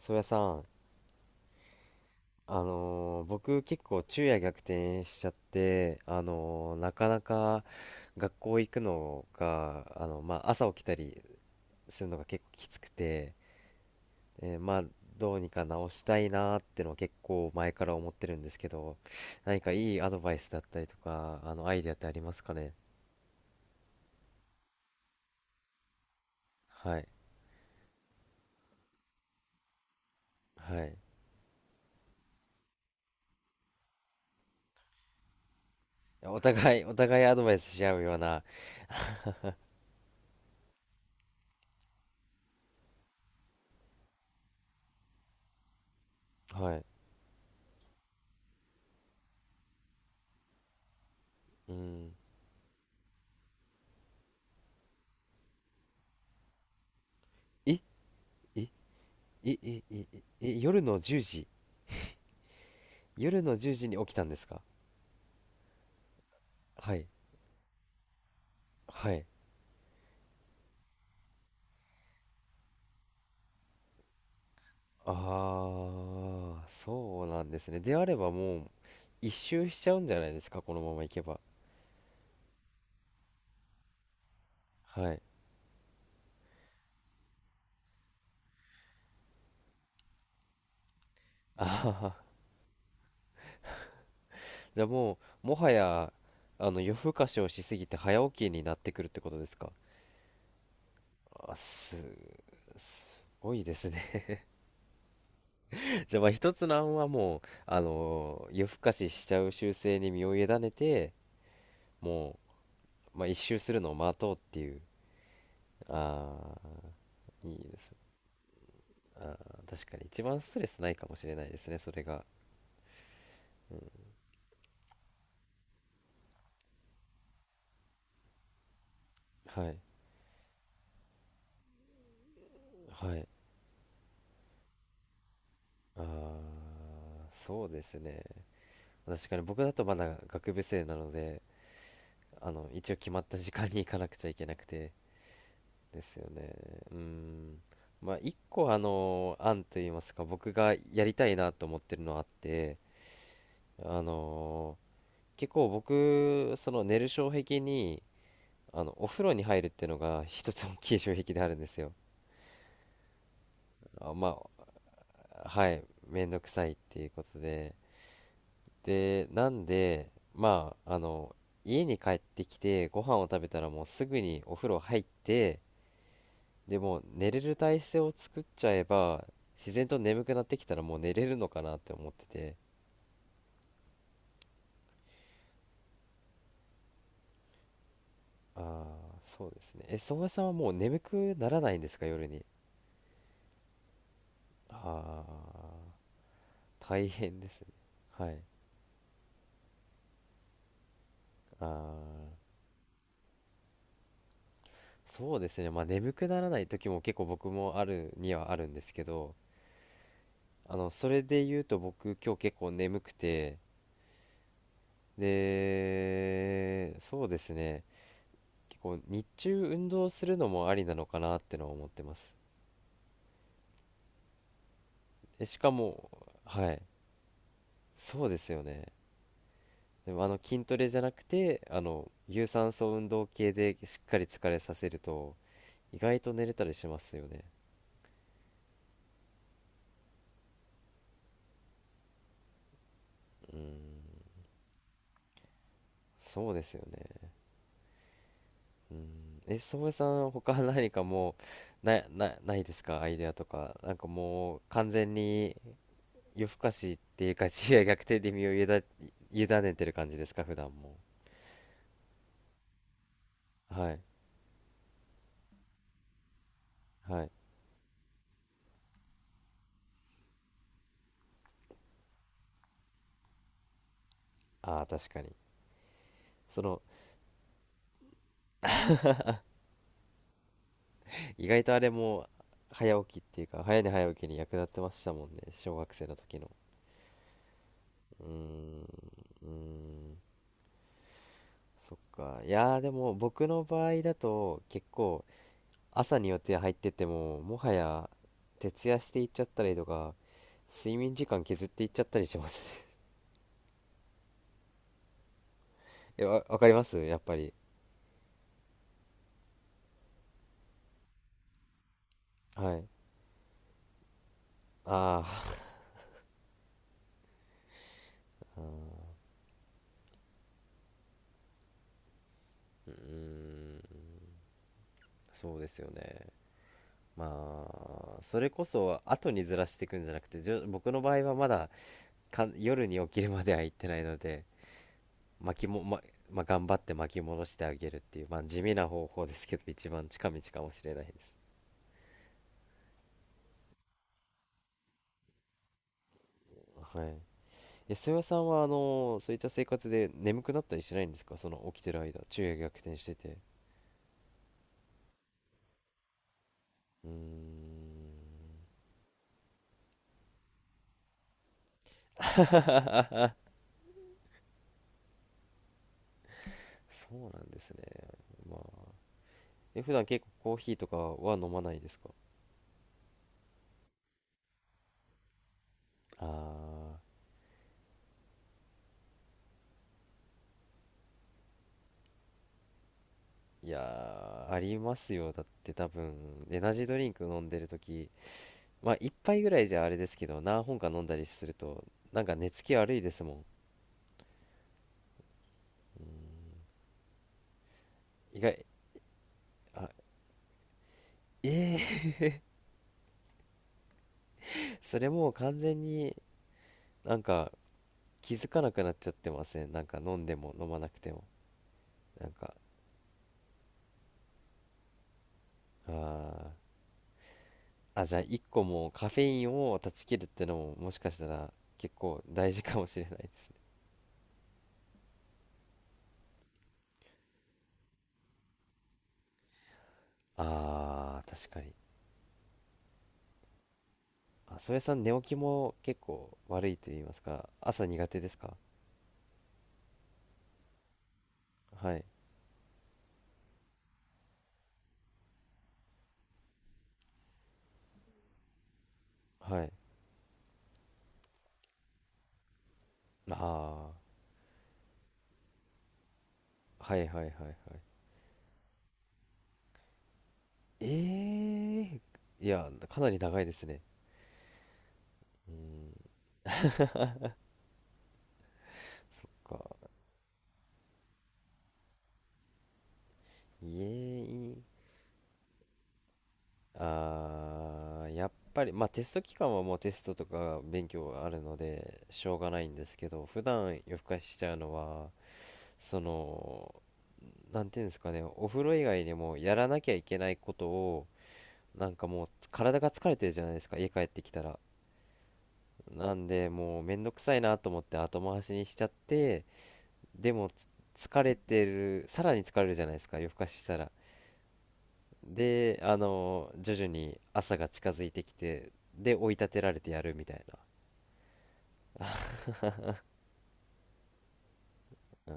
宗谷さん、僕結構昼夜逆転しちゃって、なかなか学校行くのが、まあ、朝起きたりするのが結構きつくて、まあ、どうにか直したいなーってのは結構前から思ってるんですけど、何かいいアドバイスだったりとか、アイデアってありますかね？はい。はい。お互い、アドバイスし合うような、はい。うん。え、え、え、え、え、え、夜の10時夜の10時に起きたんですか？はい。はい。ああ、そうなんですね。であればもう、一周しちゃうんじゃないですか、このままいけば。はい。あはは。じゃあもう、もはや、夜更かしをしすぎて早起きになってくるってことですか？あ、す、すごいですね。じゃあまあ一つの案はもう、夜更かししちゃう習性に身を委ねて、もう、まあ一周するのを待とうっていう。ああ、いいですね。あー、確かに一番ストレスないかもしれないですね、それが。はいはい。ああ、そうですね。確かに僕だとまだ学部生なので、一応決まった時間に行かなくちゃいけなくて。ですよね。うーん。まあ一個あの案といいますか、僕がやりたいなと思ってるのあって、あの結構僕その寝る障壁に、お風呂に入るっていうのが一つ 大きい障壁であるんですよ。あまはい、めんどくさいっていうことで、で、なんで、まあ、家に帰ってきて、ご飯を食べたらもうすぐにお風呂入って、でもう寝れる体勢を作っちゃえば、自然と眠くなってきたらもう寝れるのかなって思ってて、ああ、そうですね。え、宗谷さんはもう眠くならないんですか、夜に？ああ、大変ですね。はい。ああ、そうですね。まあ眠くならない時も結構僕もあるにはあるんですけど、それで言うと僕今日結構眠くて、で、そうですね。結構日中運動するのもありなのかなってのは思ってます。え、しかも、はい、そうですよね。でも筋トレじゃなくて、有酸素運動系でしっかり疲れさせると、意外と寝れたりしますよね。うん、そうですよね。うん、え、宗江さん、他何かもう、ないですか、アイデアとか？なんかもう、完全に、夜更かしっていうか昼夜逆転で身を委ねてる感じですか、普段も？はいはい。ああー、確かにその意外とあれも早起きっていうか早寝早起きに役立ってましたもんね、小学生の時の。うーん。うーん。そっか。いやー、でも僕の場合だと結構朝に予定入っててももはや徹夜していっちゃったりとか、睡眠時間削っていっちゃったりしますね。 わかりますやっぱり。はい。ああ、うーん。そうですよね。まあそれこそ後にずらしていくんじゃなくて、僕の場合はまだ夜に起きるまでは行ってないので、巻きも、ままあ、頑張って巻き戻してあげるっていう、まあ、地味な方法ですけど 一番近道かもしれないです。はい。え、曽谷さんはそういった生活で眠くなったりしないんですか、その起きてる間、昼夜逆転してて。うーん。そうなんですね。まあ、普段結構コーヒーとかは飲まないですか？あー、いやー、ありますよ、だって多分エナジードリンク飲んでる時、まあ一杯ぐらいじゃあれですけど、何本か飲んだりするとなんか寝つき悪いですもん。意外あええー それもう完全に、なんか気づかなくなっちゃってませんなんか飲んでも飲まなくても、なんかあーあ、じゃあ一個もうカフェインを断ち切るってのももしかしたら結構大事かもしれないですね。あー、確かに。あ、それさん、寝起きも結構悪いと言いますか、朝苦手ですか？はい、はい。ああ、はいはいはいはい。ええー、いや、かなり長いですね。か、いえ、あー、やっぱり、まあテスト期間はもうテストとか勉強があるので、しょうがないんですけど、普段夜更かししちゃうのは、その、なんていうんですかね、お風呂以外にもやらなきゃいけないことを、なんかもう体が疲れてるじゃないですか、家帰ってきたら。なんでもうめんどくさいなと思って後回しにしちゃってでも疲れてる、さらに疲れるじゃないですか、夜更かししたら。で徐々に朝が近づいてきてで追い立てられてやるみたいな、うん、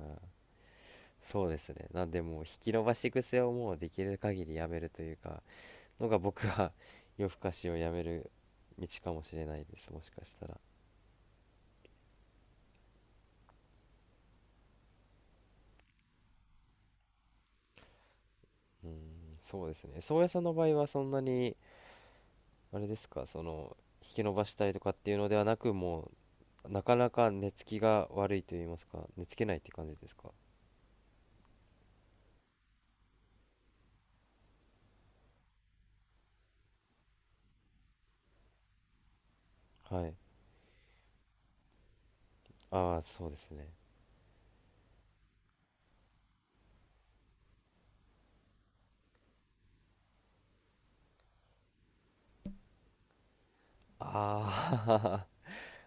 そうですね。なんでもう引き延ばし癖をもうできる限りやめるというかのが、僕は 夜更かしをやめる道かもしれないです、もしかしたら。うん、そうですね。宗谷さんの場合はそんなに、あれですか、引き伸ばしたりとかっていうのではなく、もう、なかなか寝つきが悪いと言いますか、寝つけないって感じですか？はい。ああ、そうですね。あ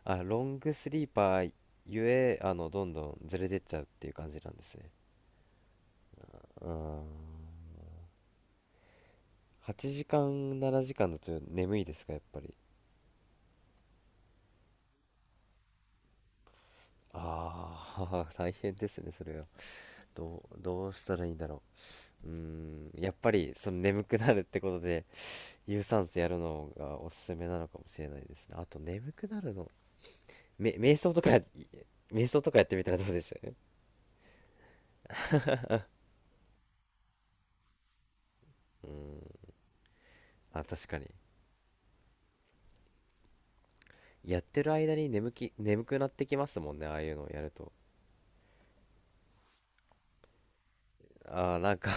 ー あ、ロングスリーパーゆえ、どんどんずれてっちゃうっていう感じなんですね。うーん。8時間、7時間だと眠いですか、やっぱり？ああ、大変ですね、それは。どうしたらいいんだろう。うーん、やっぱり、その眠くなるってことで、有酸素やるのがおすすめなのかもしれないですね。あと眠くなるの。瞑想とか瞑想とかやってみたらどうです？うん。あ、確かに。やってる間に眠くなってきますもんね、ああいうのをやると。あー、なんか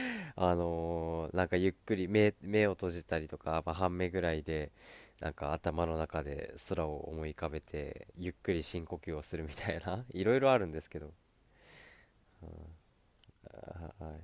なんかゆっくり目を閉じたりとか、まあ、半目ぐらいで、なんか頭の中で空を思い浮かべて、ゆっくり深呼吸をするみたいな いろいろあるんですけど。あー、はい。